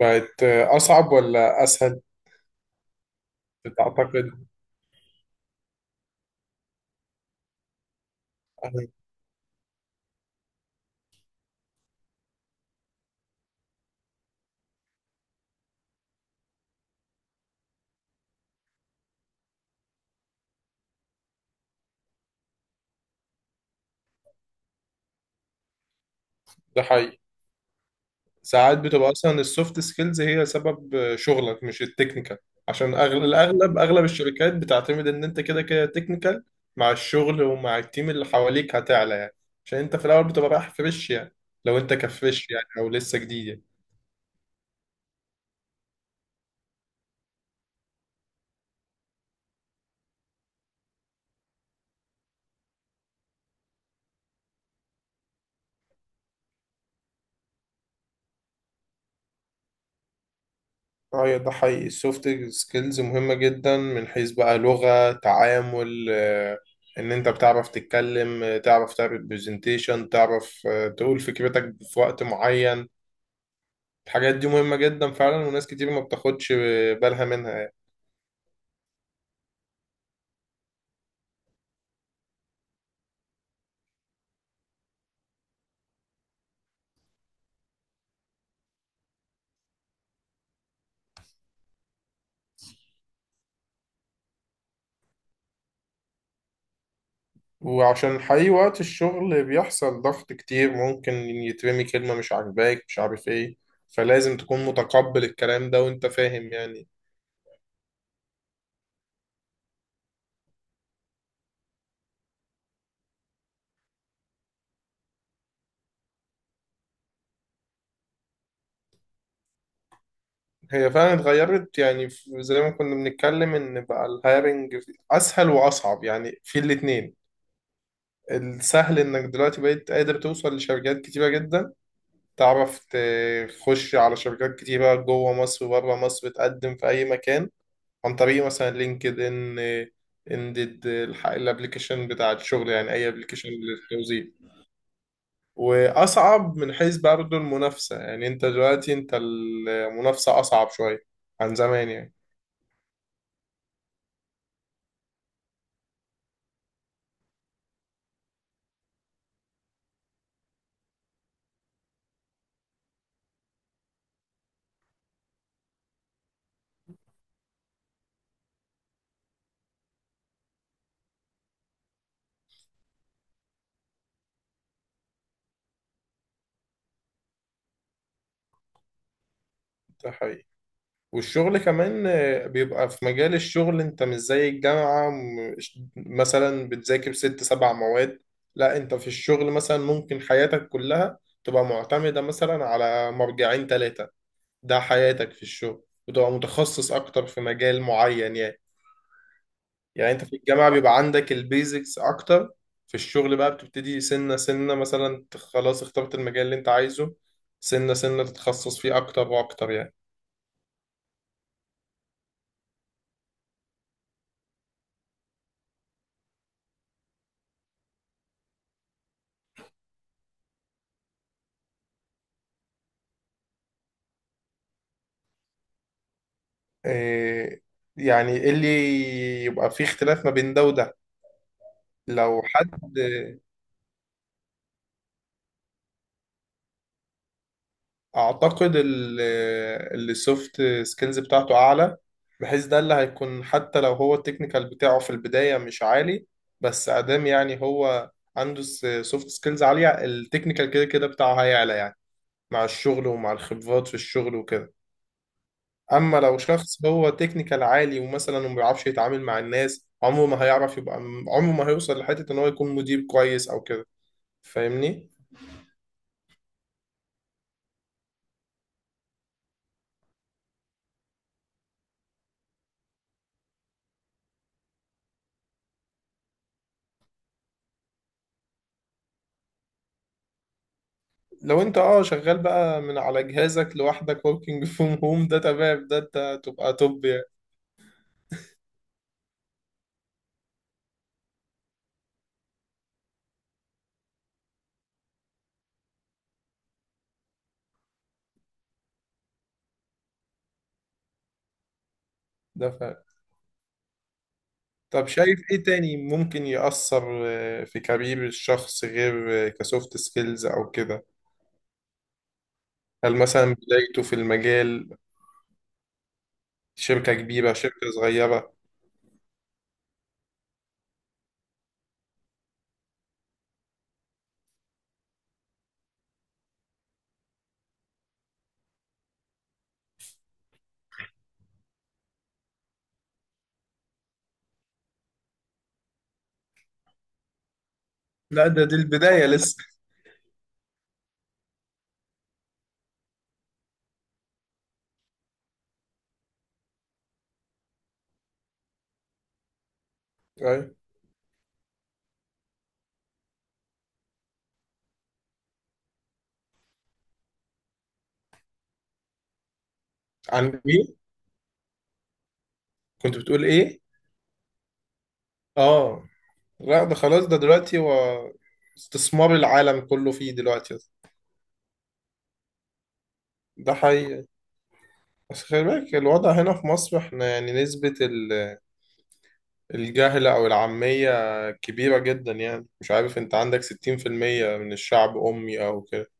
بقت أصعب ولا أسهل، بتعتقد؟ أنا- ده حقيقي، ساعات بتبقى أصلا السوفت سكيلز هي سبب شغلك مش التكنيكال. عشان أغلب الشركات بتعتمد إن أنت كده كده تكنيكال، مع الشغل ومع التيم اللي حواليك هتعلى يعني. عشان أنت في الأول بتبقى رايح فريش يعني، لو أنت كفريش يعني أو لسه جديد يعني. اه، ده حقيقي، السوفت سكيلز مهمة جدا من حيث بقى لغة تعامل، ان انت بتعرف تتكلم، تعرف تعمل برزنتيشن، تعرف تقول فكرتك في وقت معين. الحاجات دي مهمة جدا فعلا، وناس كتير ما بتاخدش بالها منها يعني. وعشان حقيقي وقت الشغل بيحصل ضغط كتير، ممكن يترمي كلمة مش عاجباك مش عارف ايه، فلازم تكون متقبل الكلام ده وانت فاهم يعني. هي فعلا اتغيرت يعني، زي ما كنا بنتكلم ان بقى الهايرنج اسهل واصعب يعني في الاتنين. السهل انك دلوقتي بقيت قادر توصل لشركات كتيرة جدا، تعرف تخش على شركات كتيرة جوه مصر وبره مصر، بتقدم في اي مكان عن طريق مثلا لينكد ان، اندد، الابلكيشن بتاع الشغل يعني اي ابلكيشن للتوظيف. واصعب من حيث برضه المنافسة، يعني انت دلوقتي انت المنافسة اصعب شوية عن زمان يعني. ده حقيقي، والشغل كمان بيبقى في مجال الشغل انت مش زي الجامعة، مثلا بتذاكر 6 7 مواد. لا، انت في الشغل مثلا ممكن حياتك كلها تبقى معتمدة مثلا على مرجعين 3. ده حياتك في الشغل، وتبقى متخصص اكتر في مجال معين يعني. يعني انت في الجامعة بيبقى عندك البيزكس اكتر، في الشغل بقى بتبتدي سنة سنة، مثلا خلاص اخترت المجال اللي انت عايزه، سنة سنة تتخصص فيه اكتر واكتر يعني. إيه يعني، ايه اللي يبقى فيه اختلاف ما بين ده وده؟ لو حد، اعتقد اللي السوفت سكيلز بتاعته اعلى، بحيث ده اللي هيكون، حتى لو هو التكنيكال بتاعه في البداية مش عالي، بس ادام يعني هو عنده سوفت سكيلز عالية، التكنيكال كده كده بتاعه هيعلى يعني، مع الشغل ومع الخبرات في الشغل وكده. اما لو شخص هو تكنيكال عالي، ومثلا ما بيعرفش يتعامل مع الناس، عمره ما هيعرف يبقى، عمره ما هيوصل لحتة ان هو يكون مدير كويس او كده، فاهمني؟ لو انت اه شغال بقى من على جهازك لوحدك working from home، ده تمام، ده انت تبقى توب يعني. ده فعلا. طب شايف ايه تاني ممكن يأثر في كارير الشخص غير كسوفت سكيلز او كده؟ هل مثلا بدايته في المجال، شركة كبيرة شركة صغيرة؟ لا، ده دي البداية لسه. أيوة. عن مين؟ كنت بتقول ايه؟ اه. لا، ده خلاص ده دلوقتي هو استثمار العالم كله فيه دلوقتي. ده حقيقي، بس خلي بالك الوضع هنا في مصر، احنا يعني نسبة الجهل أو العامية كبيرة جدا يعني. مش عارف، انت عندك 60% من الشعب أمي أو كده،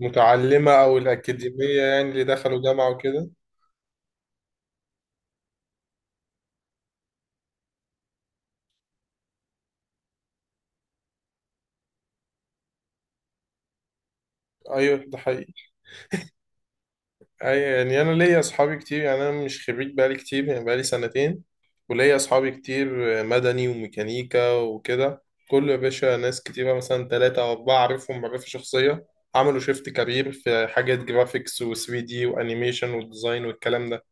متعلمة أو الأكاديمية يعني اللي دخلوا جامعة وكده. أيوه ده حقيقي. اي يعني، انا ليا اصحابي كتير يعني، انا مش خريج بقالي كتير يعني، بقالي سنتين، وليا اصحابي كتير، مدني وميكانيكا وكده. كل يا باشا، ناس كتيرة مثلا 3 او 4 اعرفهم معرفة شخصية، عملوا شيفت كارير في حاجات جرافيكس و3 دي وانيميشن والديزاين والكلام ده.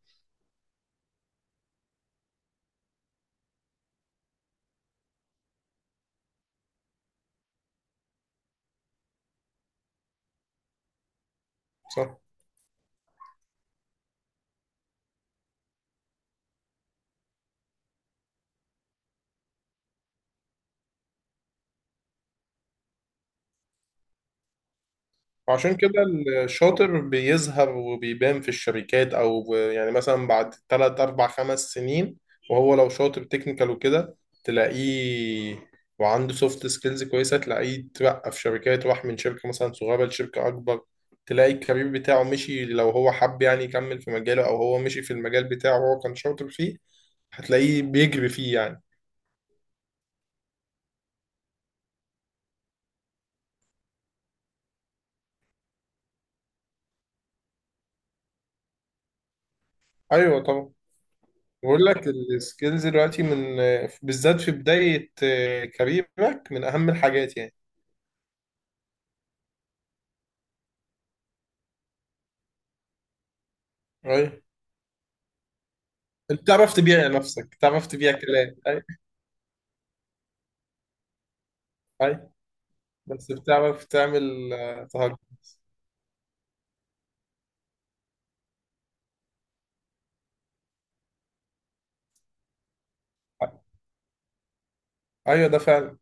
صح. وعشان كده الشاطر بيظهر وبيبان في الشركات، او يعني مثلا بعد 3 4 5 سنين، وهو لو شاطر تكنيكال وكده، تلاقيه وعنده سوفت سكيلز كويسه تلاقيه اترقى في شركات، راح من شركه مثلا صغيره لشركه اكبر. تلاقي الكارير بتاعه مشي، لو هو حب يعني يكمل في مجاله، او هو مشي في المجال بتاعه، وهو كان شاطر فيه، هتلاقيه بيجري فيه يعني. ايوه طبعا. بقول لك السكيلز دلوقتي من، بالذات في بداية كاريرك من أهم الحاجات يعني. أي، أنت بتعرف تبيع نفسك، بتعرف تبيع كلام. أي، أي، بس بتعرف تعمل تهجم. أيوه ده فعلا،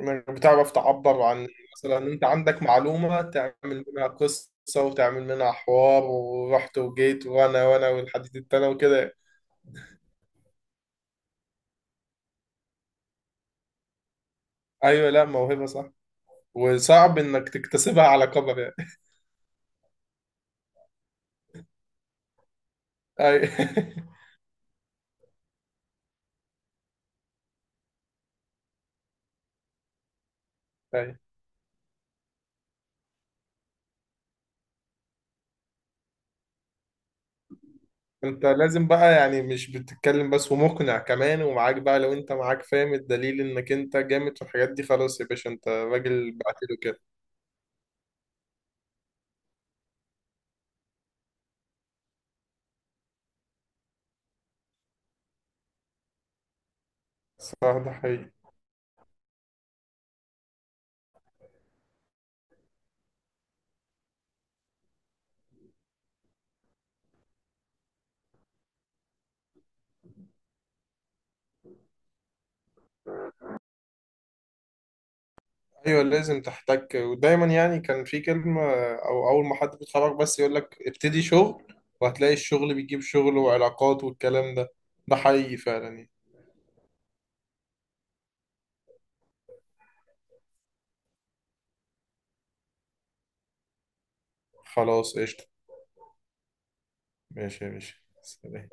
إنك بتعرف تعبر عن، مثلا أنت عندك معلومة تعمل منها قصة، وتعمل منها حوار، ورحت وجيت وأنا وأنا والحديد التاني وكده. أيوه، لا موهبة، صح، وصعب إنك تكتسبها على كبر يعني. أي، أي، انت لازم بقى يعني، مش بتتكلم بس، ومقنع كمان، ومعاك بقى، لو انت معاك فاهم الدليل انك انت جامد في الحاجات دي، خلاص يا باشا انت راجل، بعتله كده. صح، ده حقيقي. ايوه لازم تحتك ودايما يعني، كان في كلمة، او اول ما حد بيتخرج بس يقول لك ابتدي شغل، وهتلاقي الشغل بيجيب شغل وعلاقات والكلام ده. ده حقيقي فعلا يعني. خلاص قشطة. ماشي يا باشا. سلام.